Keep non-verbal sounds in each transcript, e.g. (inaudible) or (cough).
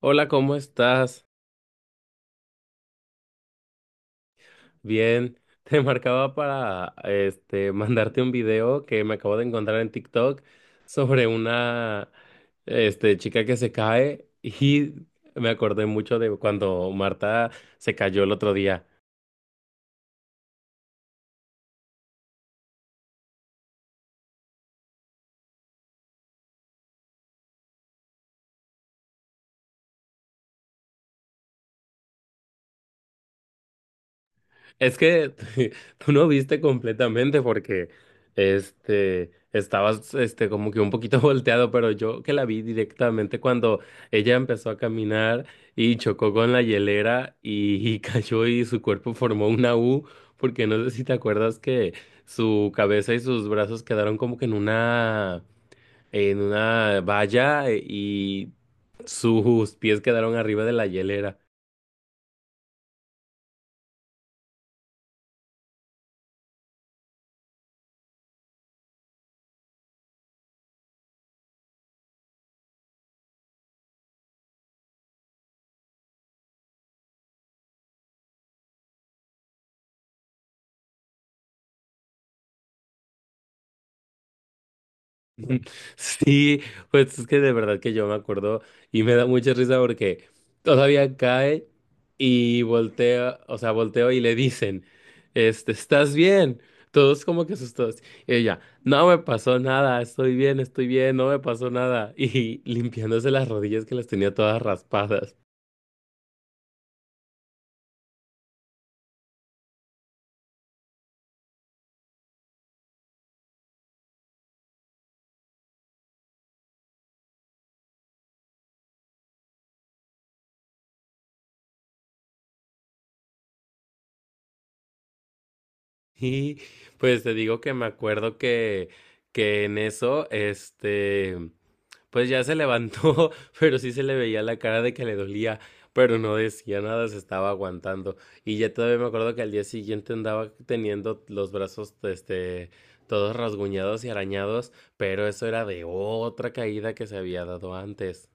Hola, ¿cómo estás? Bien, (laughs) te marcaba para mandarte un video que me acabo de encontrar en TikTok sobre una chica que se cae y me acordé mucho de cuando Marta se cayó el otro día. Es que (laughs) tú no viste completamente porque estabas como que un poquito (laughs) volteado, pero yo que la vi directamente cuando ella empezó a caminar y chocó con la hielera y (laughs) cayó y su cuerpo formó una U, porque no sé si te acuerdas que su cabeza y sus brazos quedaron como que en una valla y sus pies quedaron arriba de la hielera. (laughs) Sí, pues es que de verdad que yo me acuerdo y me da mucha risa porque todavía cae y voltea, o sea, volteo y le dicen, ¿estás bien? Todos como que asustados. Y ella, no me pasó nada, estoy bien, no me pasó nada. (laughs) Y limpiándose las rodillas que las tenía todas raspadas. Y pues te digo que me acuerdo que en eso, Pues ya se levantó, (laughs) pero sí se le veía la cara de que le dolía, pero no decía nada, se estaba aguantando. Y ya todavía me acuerdo que al día siguiente andaba teniendo los brazos, todos rasguñados y arañados, pero eso era de otra caída que se había dado antes.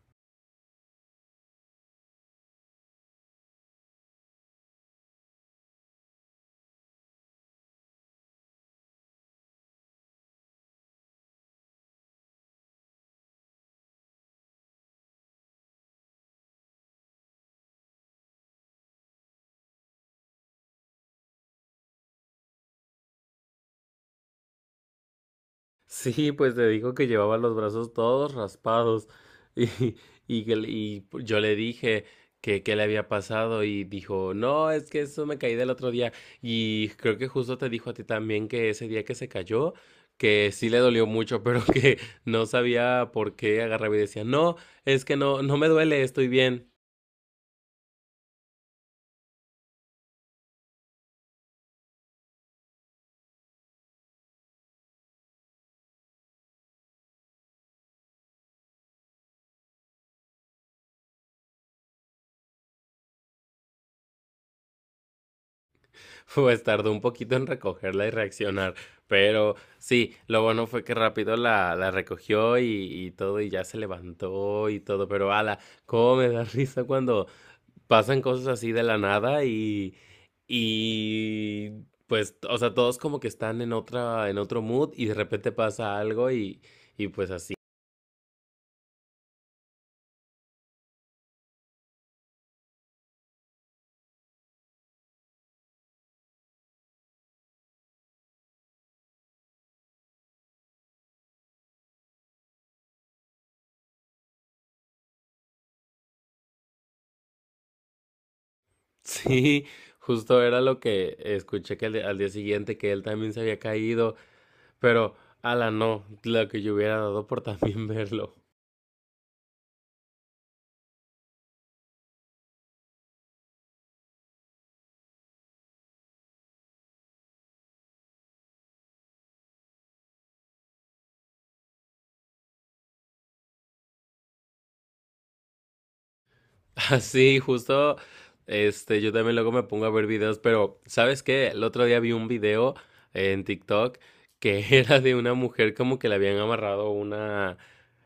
Sí, pues te dijo que llevaba los brazos todos raspados (laughs) y, y yo le dije que qué le había pasado y dijo, no, es que eso me caí del otro día y creo que justo te dijo a ti también que ese día que se cayó, que sí le dolió mucho, pero (laughs) que no sabía por qué agarraba y decía, no, es que no, no me duele, estoy bien. (laughs) Pues tardó un poquito en recogerla y reaccionar, pero sí, lo bueno fue que rápido la recogió y todo, y ya se levantó y todo, pero ala, cómo me da (laughs) risa cuando pasan cosas así de la nada y, y pues, o sea, todos como que están en otra, en otro mood y de repente pasa algo y pues así. (laughs) Sí, justo era lo que escuché que al día siguiente que él también se había caído. Pero, ala, no, lo que yo hubiera dado por también (laughs) verlo. (laughs) Sí, justo, yo también luego me pongo a ver videos, pero ¿sabes qué? El otro día vi un video en TikTok que (laughs) era de una mujer como que le habían amarrado una,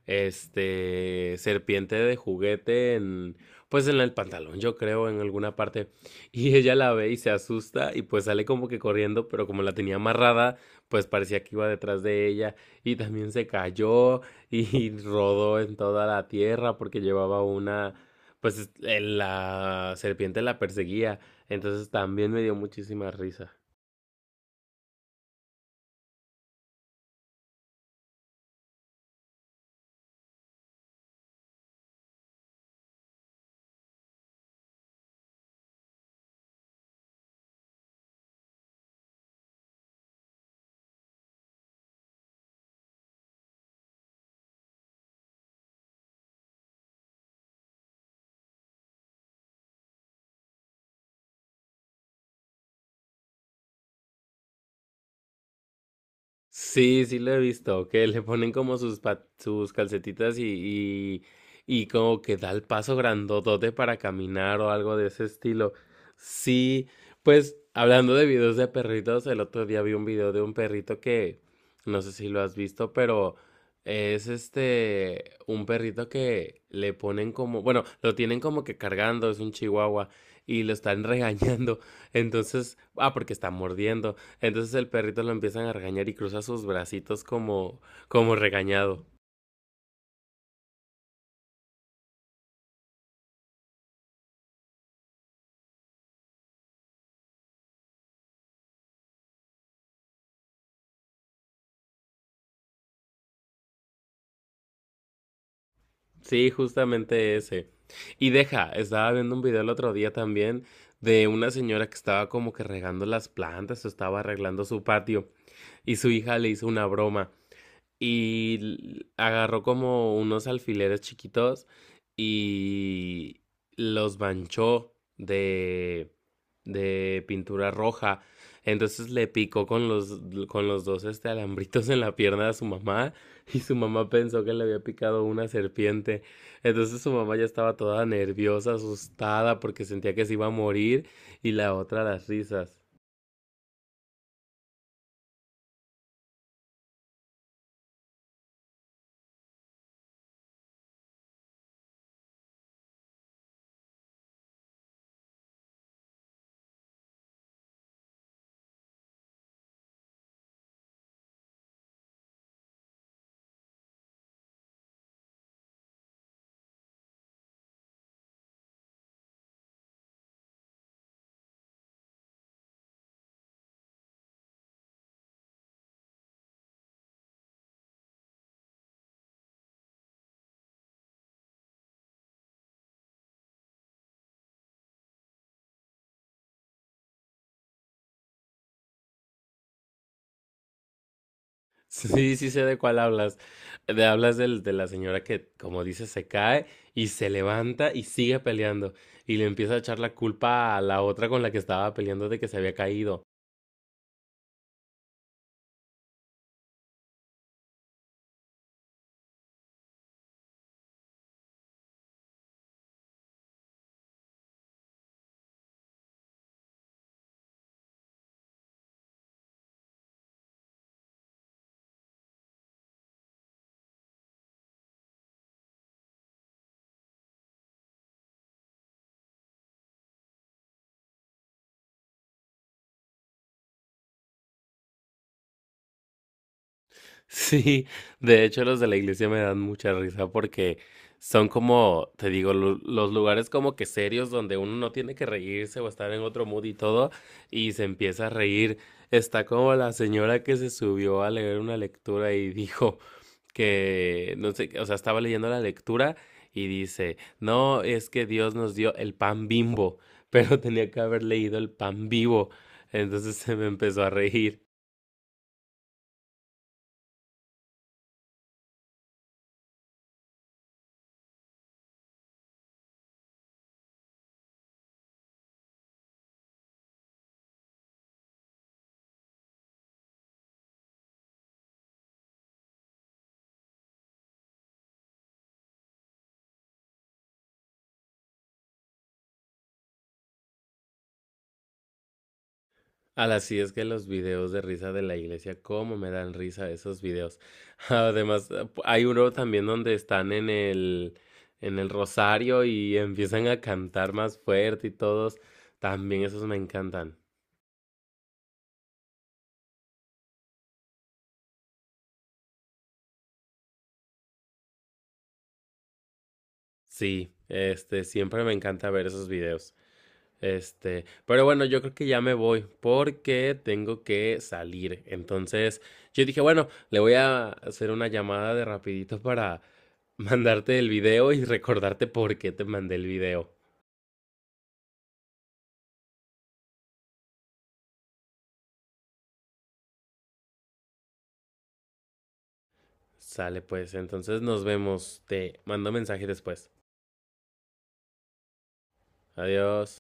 serpiente de juguete en, pues en el pantalón, yo creo, en alguna parte. Y ella la ve y se asusta y pues sale como que corriendo, pero como la tenía amarrada, pues parecía que iba detrás de ella y también se cayó y (laughs) rodó en toda la tierra porque llevaba una la serpiente la perseguía. Entonces también me dio muchísima risa. Sí, sí lo he visto, que le ponen como sus, sus calcetitas y como que da el paso grandotote para caminar o algo de ese estilo. Sí, pues hablando de videos de perritos, el otro día vi un video de un perrito que, no sé si lo has visto, pero es un perrito que le ponen como, bueno, lo tienen como que cargando, es un chihuahua, y lo están (laughs) regañando, entonces, ah, porque está mordiendo. Entonces el perrito lo empiezan a regañar y cruza sus bracitos como, como regañado. Sí, justamente ese. Y deja, estaba viendo un video el otro día también de una señora que estaba como que regando las plantas o estaba arreglando su patio y su hija le hizo una broma y agarró como unos alfileres chiquitos y los manchó de pintura roja. Entonces le picó con los dos alambritos en la pierna a su mamá y su mamá pensó que le había picado una serpiente. Entonces su mamá ya estaba toda nerviosa, asustada porque sentía que se iba a morir y la otra las risas. Sí, sí sí sé de cuál hablas. Hablas de la señora que, como dices, se cae y se levanta y sigue peleando. Y le empieza a echar la culpa a la otra con la que estaba peleando de que se había caído. (laughs) Sí, de hecho los de la iglesia me dan mucha risa porque son como, te digo, los lugares como que serios donde uno no tiene que reírse o estar en otro mood y todo. Y se empieza a reír. Está como la señora que se subió a leer una lectura y dijo... que, no sé, o sea, estaba leyendo la lectura y dice, no, es que Dios nos dio el pan bimbo, (laughs) pero tenía que haber leído el pan vivo. Entonces se me empezó a reír. Al así es que los videos de risa de la iglesia, cómo me dan risa esos videos. (laughs) Además, hay uno también donde están en el rosario y empiezan a cantar más fuerte y todos. También esos me encantan. Sí, siempre me encanta ver esos videos. Pero bueno, yo creo que ya me voy porque tengo que salir. Entonces, yo dije, bueno, le voy a hacer una llamada de rapidito para (laughs) mandarte el video y recordarte por qué te mandé el video. Sale pues, entonces nos vemos. Te mando mensaje después. Adiós.